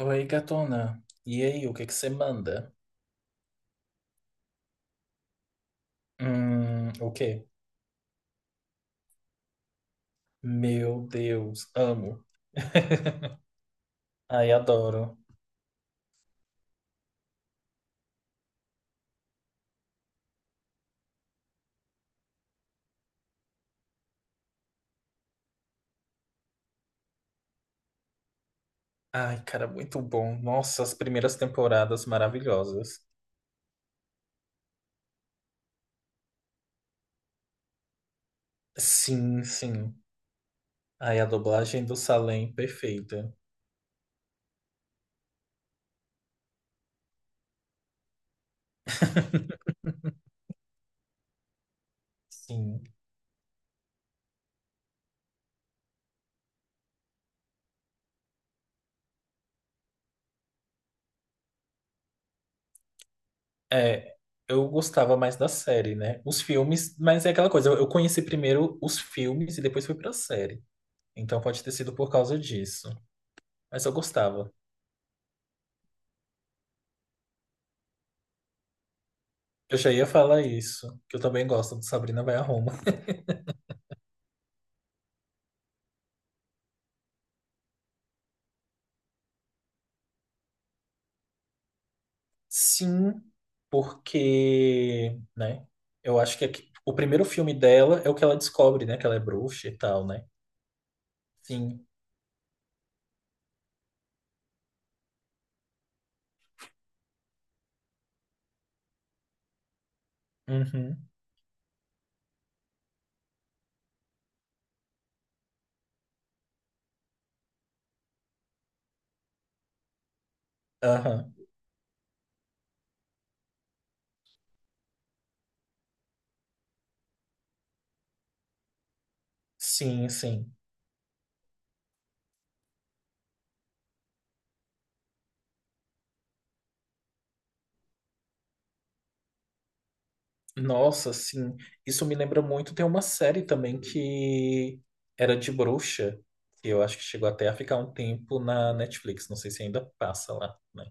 Oi, gatona. E aí, o que que você manda? O quê? Meu Deus, amo. Ai, adoro. Ai, cara, muito bom. Nossa, as primeiras temporadas maravilhosas. Sim, sim. Ai, a dublagem do Salem, perfeita. Sim. É, eu gostava mais da série, né? Os filmes, mas é aquela coisa, eu conheci primeiro os filmes e depois fui pra série. Então pode ter sido por causa disso. Mas eu gostava. Eu já ia falar isso, que eu também gosto do Sabrina Vai a Roma. Sim, porque, né? Eu acho que o primeiro filme dela é o que ela descobre, né? Que ela é bruxa e tal, né? Sim. Uhum. Aham. Sim, sim. Nossa, sim. Isso me lembra muito. Tem uma série também que era de bruxa, que eu acho que chegou até a ficar um tempo na Netflix. Não sei se ainda passa lá, né?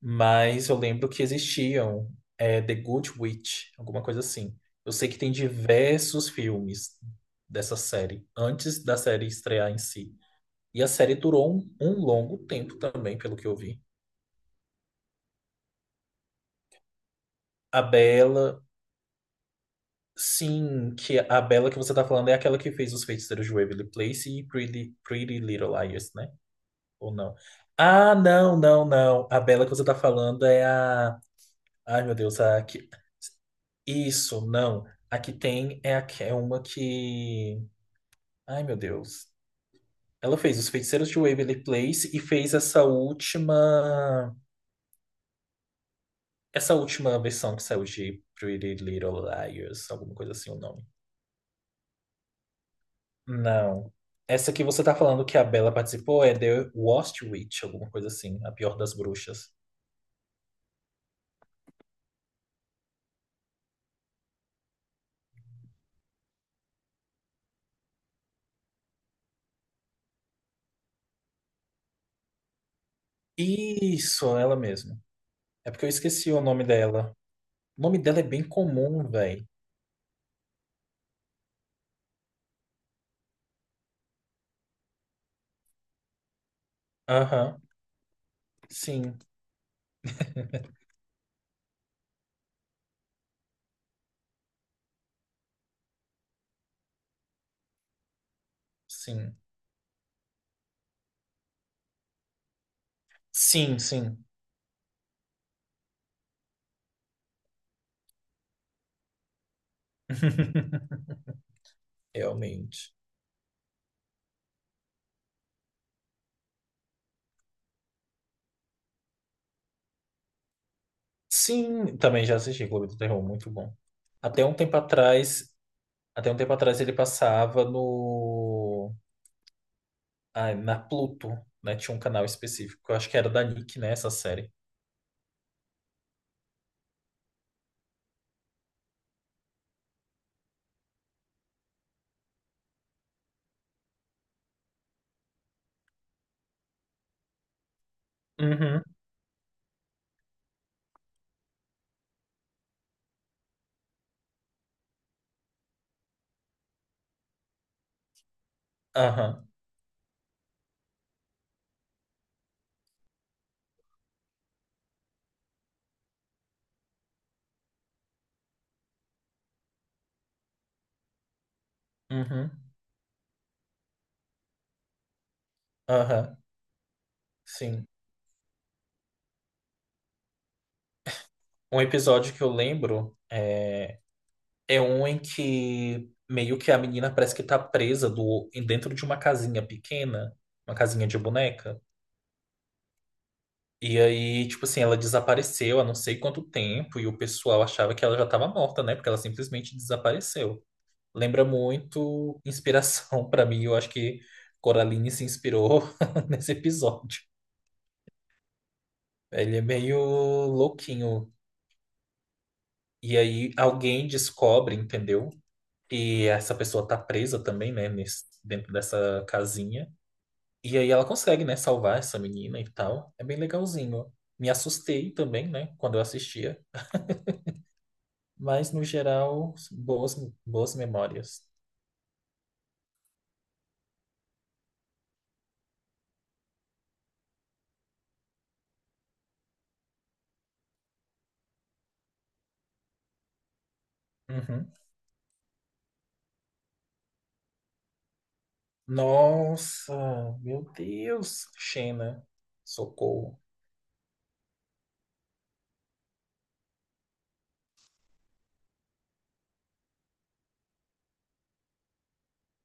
Mas eu lembro que existiam é, The Good Witch, alguma coisa assim. Eu sei que tem diversos filmes dessa série, antes da série estrear em si. E a série durou um longo tempo também, pelo que eu vi. A Bella, sim, que a Bella que você tá falando é aquela que fez Os Feiticeiros de Waverly Place e Pretty, Pretty Little Liars, né? Ou não? Ah, não, não, não. A Bella que você tá falando é a. Ai, meu Deus, a, Isso, não. A que tem é, a, é uma que. Ai, meu Deus. Ela fez Os Feiticeiros de Waverly Place e fez essa última. Essa última versão que saiu de Pretty Little Liars, alguma coisa assim o nome. Não. Essa que você tá falando que a Bella participou é The Worst Witch, alguma coisa assim, a pior das bruxas. Isso, ela mesma. É porque eu esqueci o nome dela. O nome dela é bem comum, velho. Aham, sim, sim. Sim, sim. Realmente. Sim, também já assisti Clube do Terror, muito bom. Até um tempo atrás, até um tempo atrás ele passava no, ai, na Pluto, né? Tinha um canal específico, eu acho que era da Nick, né, essa série. Uhum, aham, uhum, aham, sim. Um episódio que eu lembro é, é um em que meio que a menina parece que tá presa do, dentro de uma casinha pequena, uma casinha de boneca. E aí, tipo assim, ela desapareceu há não sei quanto tempo e o pessoal achava que ela já estava morta, né? Porque ela simplesmente desapareceu. Lembra muito inspiração pra mim. Eu acho que Coraline se inspirou nesse episódio. Ele é meio louquinho. E aí alguém descobre, entendeu? E essa pessoa tá presa também, né? Dentro dessa casinha. E aí ela consegue, né? Salvar essa menina e tal. É bem legalzinho. Me assustei também, né? Quando eu assistia. Mas, no geral, boas, boas memórias. Uhum. Nossa, meu Deus, Xena, socorro.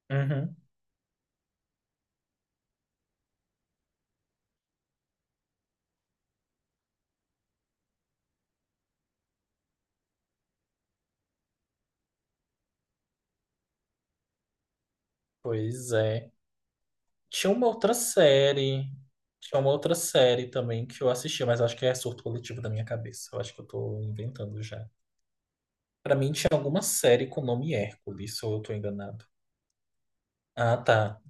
Uhum. Pois é. Tinha uma outra série. Tinha uma outra série também que eu assisti, mas acho que é surto coletivo da minha cabeça. Eu acho que eu tô inventando já. Pra mim tinha alguma série com o nome Hércules, ou eu tô enganado. Ah, tá.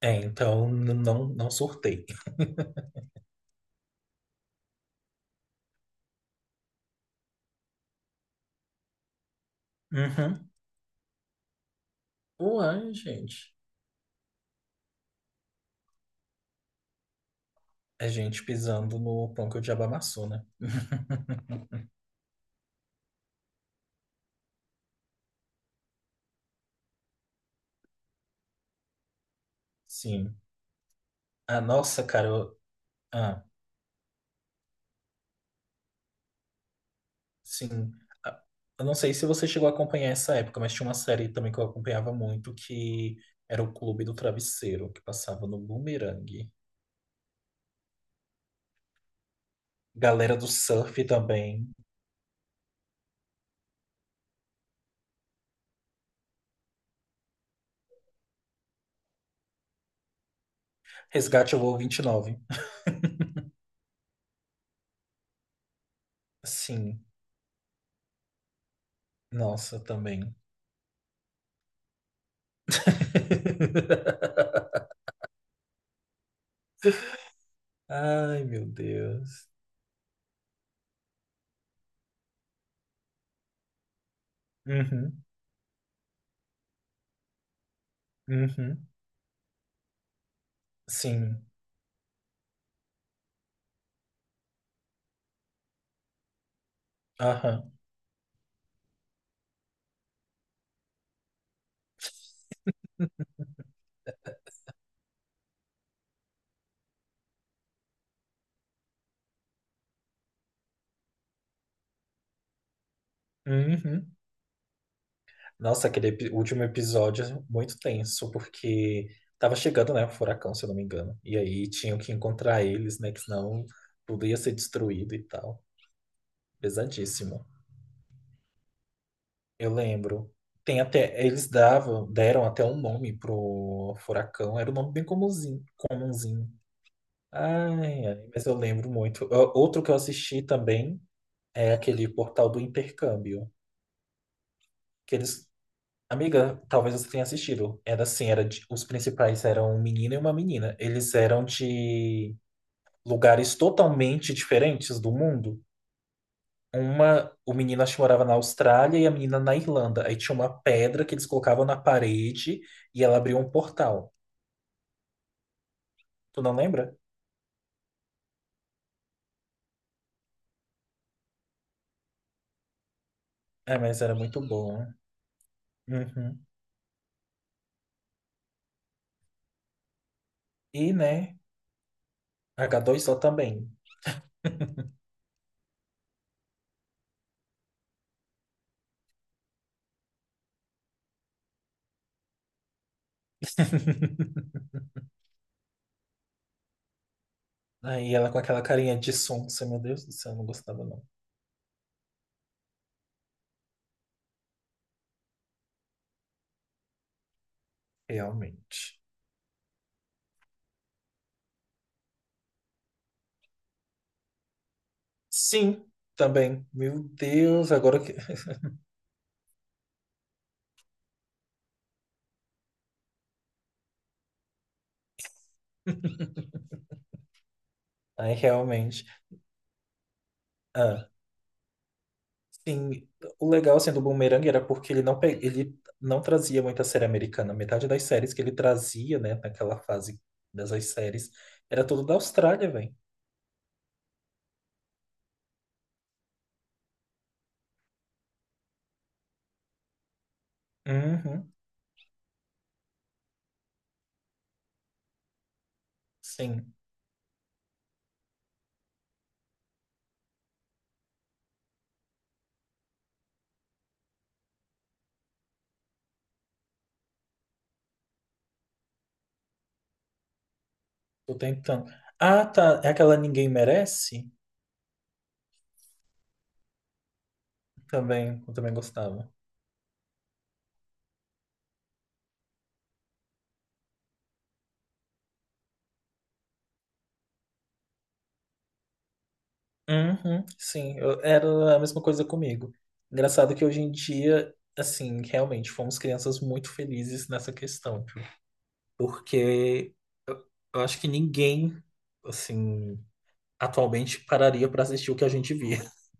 É, então não, não surtei. Uhum. Uai, gente. É gente pisando no pão que o diabo amassou, né? Sim. Ah, nossa, cara. Ah, sim. Ah, Eu não sei se você chegou a acompanhar essa época, mas tinha uma série também que eu acompanhava muito que era o Clube do Travesseiro, que passava no Boomerang. Galera do Surf também. Resgate ao Voo 29. Sim. Nossa, também. Ai, meu Deus. Uhum, uhum. Sim. Aham. Uhum. Nossa, aquele último episódio é muito tenso, porque tava chegando, né, o furacão, se eu não me engano. E aí tinham que encontrar eles, né, que senão tudo ia ser destruído e tal. Pesadíssimo. Eu lembro. Tem até, eles davam, deram até um nome pro furacão, era um nome bem comumzinho, comumzinho. Ai, ai, mas eu lembro muito. Ó, outro que eu assisti também é aquele Portal do Intercâmbio, que eles Amiga, talvez você tenha assistido. Era assim, era de- os principais eram um menino e uma menina. Eles eram de lugares totalmente diferentes do mundo. Uma, o menino acho que morava na Austrália e a menina na Irlanda. Aí tinha uma pedra que eles colocavam na parede e ela abriu um portal. Tu não lembra? É, mas era muito bom. Uhum. E, né, H2O também. Aí ela com aquela carinha de sonsa, meu Deus do céu, eu não gostava não. Realmente. Sim, também. Meu Deus, agora que. Ai, realmente. Ah, sim, o legal assim, do Boomerang era porque ele não, ele não trazia muita série americana. Metade das séries que ele trazia, né, naquela fase dessas séries, era tudo da Austrália, velho. Uhum, sim, tô tentando. Ah, tá. É aquela Ninguém Merece? Também, eu também gostava. Uhum, sim, eu- era a mesma coisa comigo. Engraçado que hoje em dia, assim, realmente fomos crianças muito felizes nessa questão, tipo, porque eu, eu acho que ninguém, assim, atualmente pararia pra assistir o que a gente via.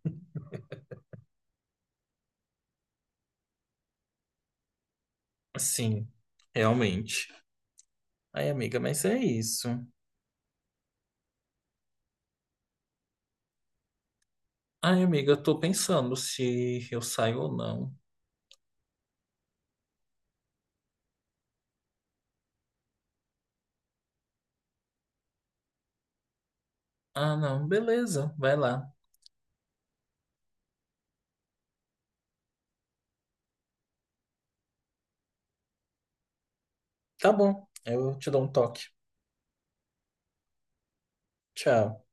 Assim, realmente. Ai, amiga, mas é isso. Ai, amiga, eu tô pensando se eu saio ou não. Ah, não, beleza, vai lá. Tá bom, eu te dou um toque. Tchau.